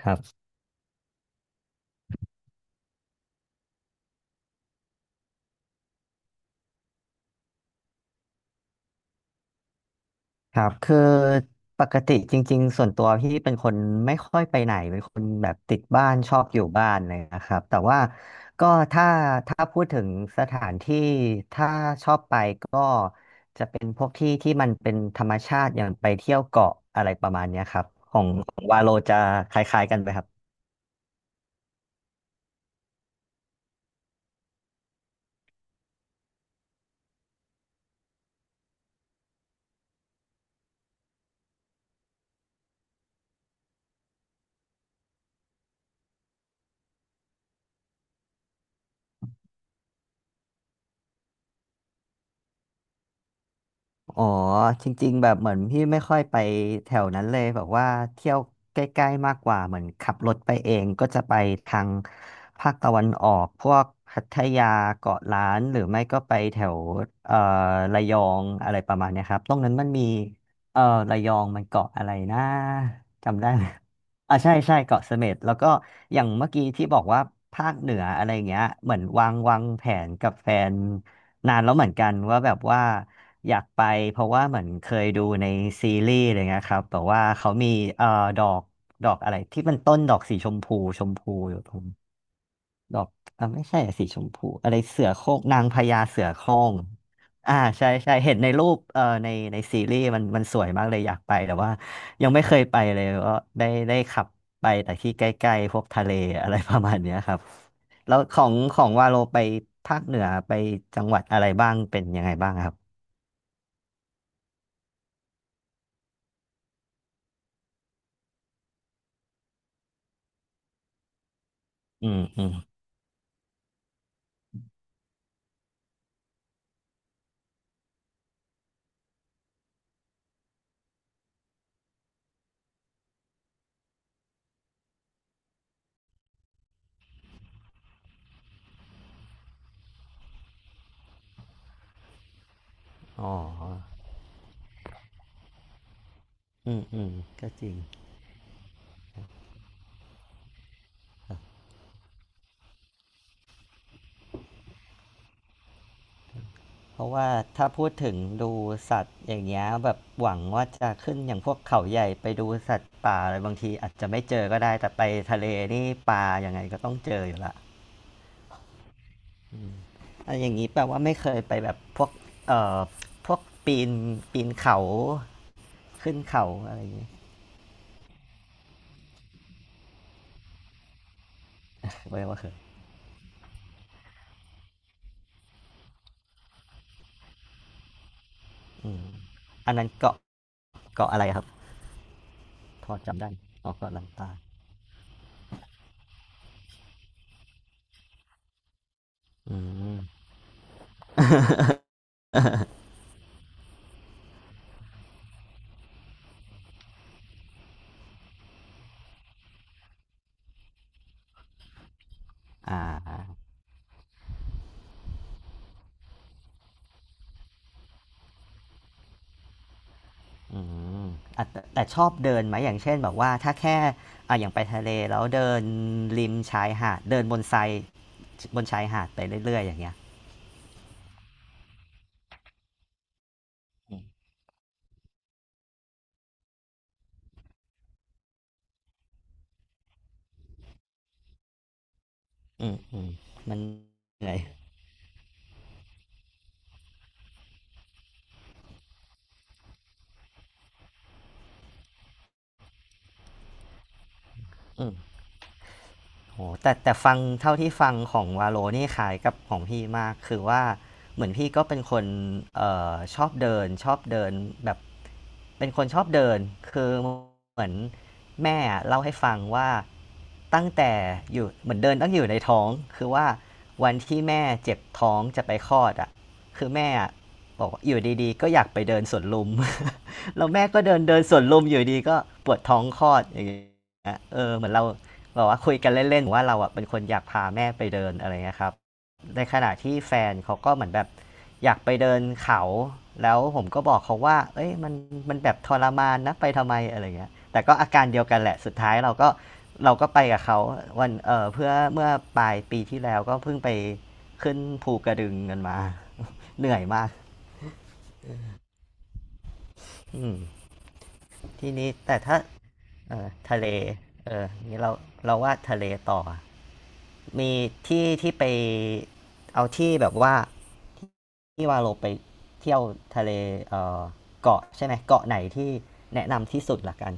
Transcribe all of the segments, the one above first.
ครับครับคือปกติจริงๆส่วนตัวพี่เป็นคนไม่ค่อยไปไหนเป็นคนแบบติดบ้านชอบอยู่บ้านเลยนะครับแต่ว่าก็ถ้าถ้าพูดถึงสถานที่ถ้าชอบไปก็จะเป็นพวกที่ที่มันเป็นธรรมชาติอย่างไปเที่ยวเกาะอะไรประมาณเนี้ยครับของวาโลจะคล้ายๆกันไหมครับ อ๋อจริงๆแบบเหมือนพี่ไม่ค่อยไปแถวนั้นเลยแบบว่าเที่ยวใกล้ๆมากกว่าเหมือนขับรถไปเองก็จะไปทางภาคตะวันออกพวกพัทยาเกาะล้านหรือไม่ก็ไปแถวเอ่อระยองอะไรประมาณเนี้ยครับตรงนั้นมันมีเอ่อระยองมันเกาะอะไรนะจำได้ไหมอ่าใช่ใช่เกาะเสม็ดแล้วก็อย่างเมื่อกี้ที่บอกว่าภาคเหนืออะไรอย่างเงี้ยเหมือนวางแผนกับแฟน นานแล้วเหมือนกันว่าแบบว่าอยากไปเพราะว่าเหมือนเคยดูในซีรีส์อะไรเงี้ยครับแต่ว่าเขามีเอ่อดอกดอกอะไรที่มันต้นดอกสีชมพูชมพูอยู่ ดอกอ่ะไม่ใช่อะสีชมพูอะไรเสือโคร่งนางพญาเสือโคร่งอ่าใช่ใช่เห็นในรูปในซีรีส์มันสวยมากเลยอยากไปแต่ว่ายังไม่เคยไปเลยก็ได้ขับไปแต่ที่ใกล้ๆพวกทะเลอะไรประมาณเนี้ยครับแล้วของวาโลไปภาคเหนือไปจังหวัดอะไรบ้างเป็นยังไงบ้างครับอืมอ๋ออืมก็จริง เพราะว่าถ้าพูดถึงดูสัตว์อย่างเงี้ยแบบหวังว่าจะขึ้นอย่างพวกเขาใหญ่ไปดูสัตว์ป่าอะไรบางทีอาจจะไม่เจอก็ได้แต่ไปทะเลนี่ปลายังไงก็ต้องเจออยู่ละอะอย่างนี้แปลว่าไม่เคยไปแบบพวกเอ่อพวกปีนปีนเขาขึ้นเขาอะไรอย่างงี้ไม่ว่าเคยอืมอันนั้นเกาะอะไรครับพอจำได้อ๋อเกาะลันตาอืมอ่า อืมอ่ะแต่ชอบเดินไหมอย่างเช่นแบบว่าถ้าแค่อ่ะอย่างไปทะเลแล้วเดินริมชายหาดเดินบนทรายบนชายหาดไปเรื่อยๆอย่างเงี้ยอืมอืมอืมมันเหนื่อยอืม โอ้แต่ฟังเท่าที่ฟังของวาโลนี่คล้ายกับของพี่มากคือว่าเหมือนพี่ก็เป็นคนชอบเดินแบบเป็นคนชอบเดินคือเหมือนแม่เล่าให้ฟังว่าตั้งแต่อยู่เหมือนเดินตั้งอยู่ในท้องคือว่าวันที่แม่เจ็บท้องจะไปคลอดอ่ะคือแม่ บอกว่าอยู่ดีๆก็อยากไปเดินสวนลุม แล้วแม่ก็เดินเดินสวนลุมอยู่ดีก็ปวดท้องคลอดอย่างเงี้ยเออเหมือนเราบอกว่าคุยกันเล่นๆ ว่าเราอ่ะเป็นคนอยากพาแม่ไปเดินอะไรเงี้ยครับในขณะที่แฟนเขาก็เหมือนแบบอยากไปเดินเขาแล้วผมก็บอกเขาว่าเอ้ยมันแบบทรมานนะไปทำไมอะไรเงี้ยแต่ก็อาการเดียวกันแหละสุดท้ายเราก็ไปกับเขาวันเพื่อเมื่อปลายปีที่แล้วก็เพิ่งไปขึ้นภูกระดึงกันมา เหนื่อยมาก อืมทีนี้แต่ถ้าเออทะเลเออนี่เราว่าทะเลต่อมีที่ไปเอาที่แบบว่าที่ว่าเราไปเที่ยวทะเลเออเกาะใช่ไหมเกาะไหนที่แนะนำที่สุดละกัน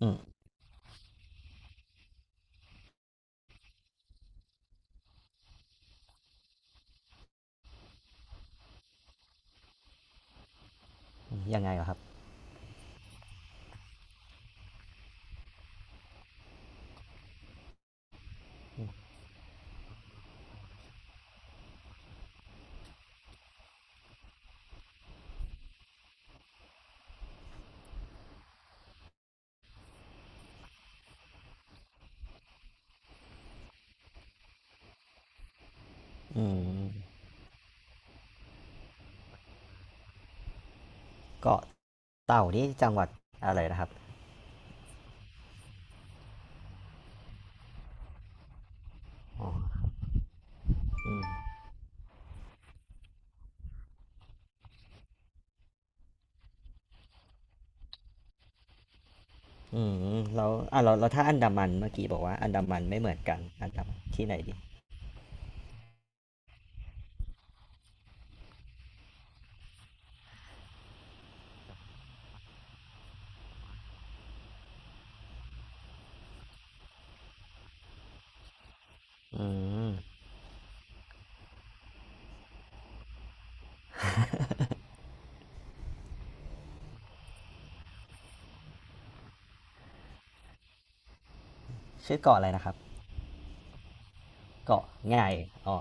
อืมยังไงเหรอครับอืมเกาะเต่านี่จังหวัดอะไรนะครับอ๋ออืมอืมแล้วอ่ะเราถ้าอันดามันเมื่อกี้บอกว่าอันดามันไม่เหมือนกันอันดามันที่ไหนดีอืมชื่อเกาะอะไรนะครับเกาะไงอ๋อ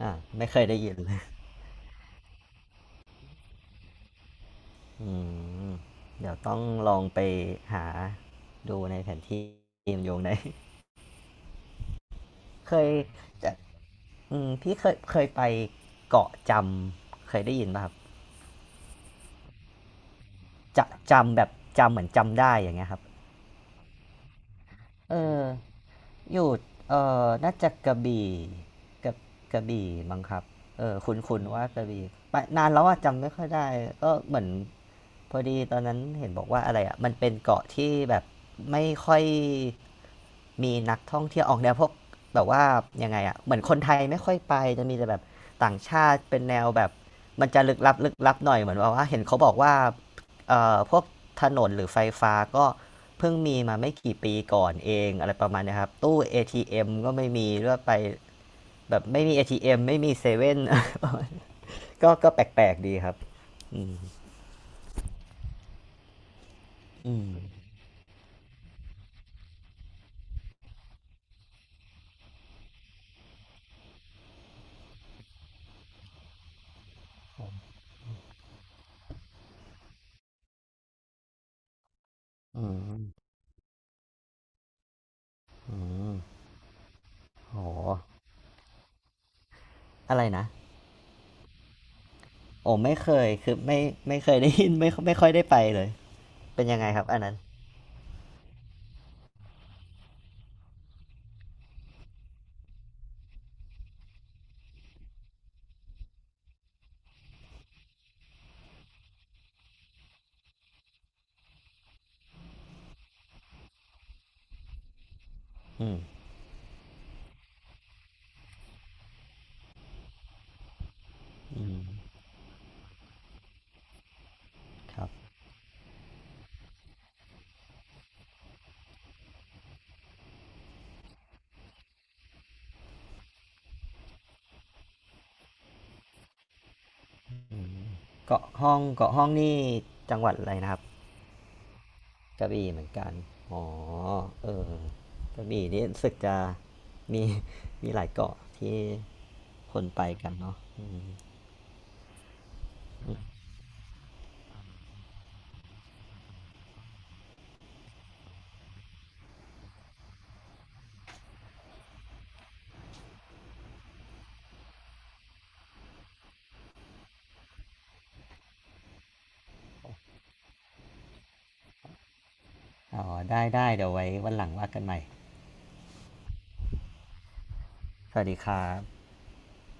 อ่าไม่เคยได้ยินเลยอืมเดี๋ยวต้องลองไปหาดูในแผนที่เกมโยงได้ เคยจะอืมพี่เคยไปเกาะจำเคยได้ยินป่ะครับจะจำแบบจำเหมือนจำได้อย่างเงี้ยครับเออ อยู่เอ่น่าจะกระบี่กับกระบี่มั้งครับเออคุ้นุว่ากระบี่ไปนานแล้วอะจำไม่ค่อยได้ก็เหมือนพอดีตอนนั้นเห็นบอกว่าอะไรอะมันเป็นเกาะที่แบบไม่ค่อยมีนักท่องเที่ยวออกแนวพวกแบบว่ายังไงอะเหมือนคนไทยไม่ค่อยไปจะมีแต่แบบต่างชาติเป็นแนวแบบมันจะลึกลับหน่อยเหมือนว่าเห็นเขาบอกว่า พวกถนนหรือไฟฟ้าก็เพิ่งมีมาไม่กี่ปีก่อนเองอะไรประมาณเนี้ยครับตู้ ATM ก็ไม่มีด้วยไปแบบไม่มี ATM ไม่มีเซเว่น ก็แปลกๆดีครับอืมอืมอืมอืมโหอะไรนะโอ้ไม่เคยคือไม่เคยได้ยินไม่ค่อยได้ไปเลยเป็นยังไงครับอันนั้นอืมอืมครับเกาะห้องนี่จังหวัดอะไรนะครับ กระบี่เหมือนกัน อ๋อ เออ กระบี่นี่รู้สึกจะมีมีหลายเกาะที่คนไปกันเนาะออ๋อได้ เดี๋ยวไว้วันหลังว่ากันใหม่สวัสดีครับ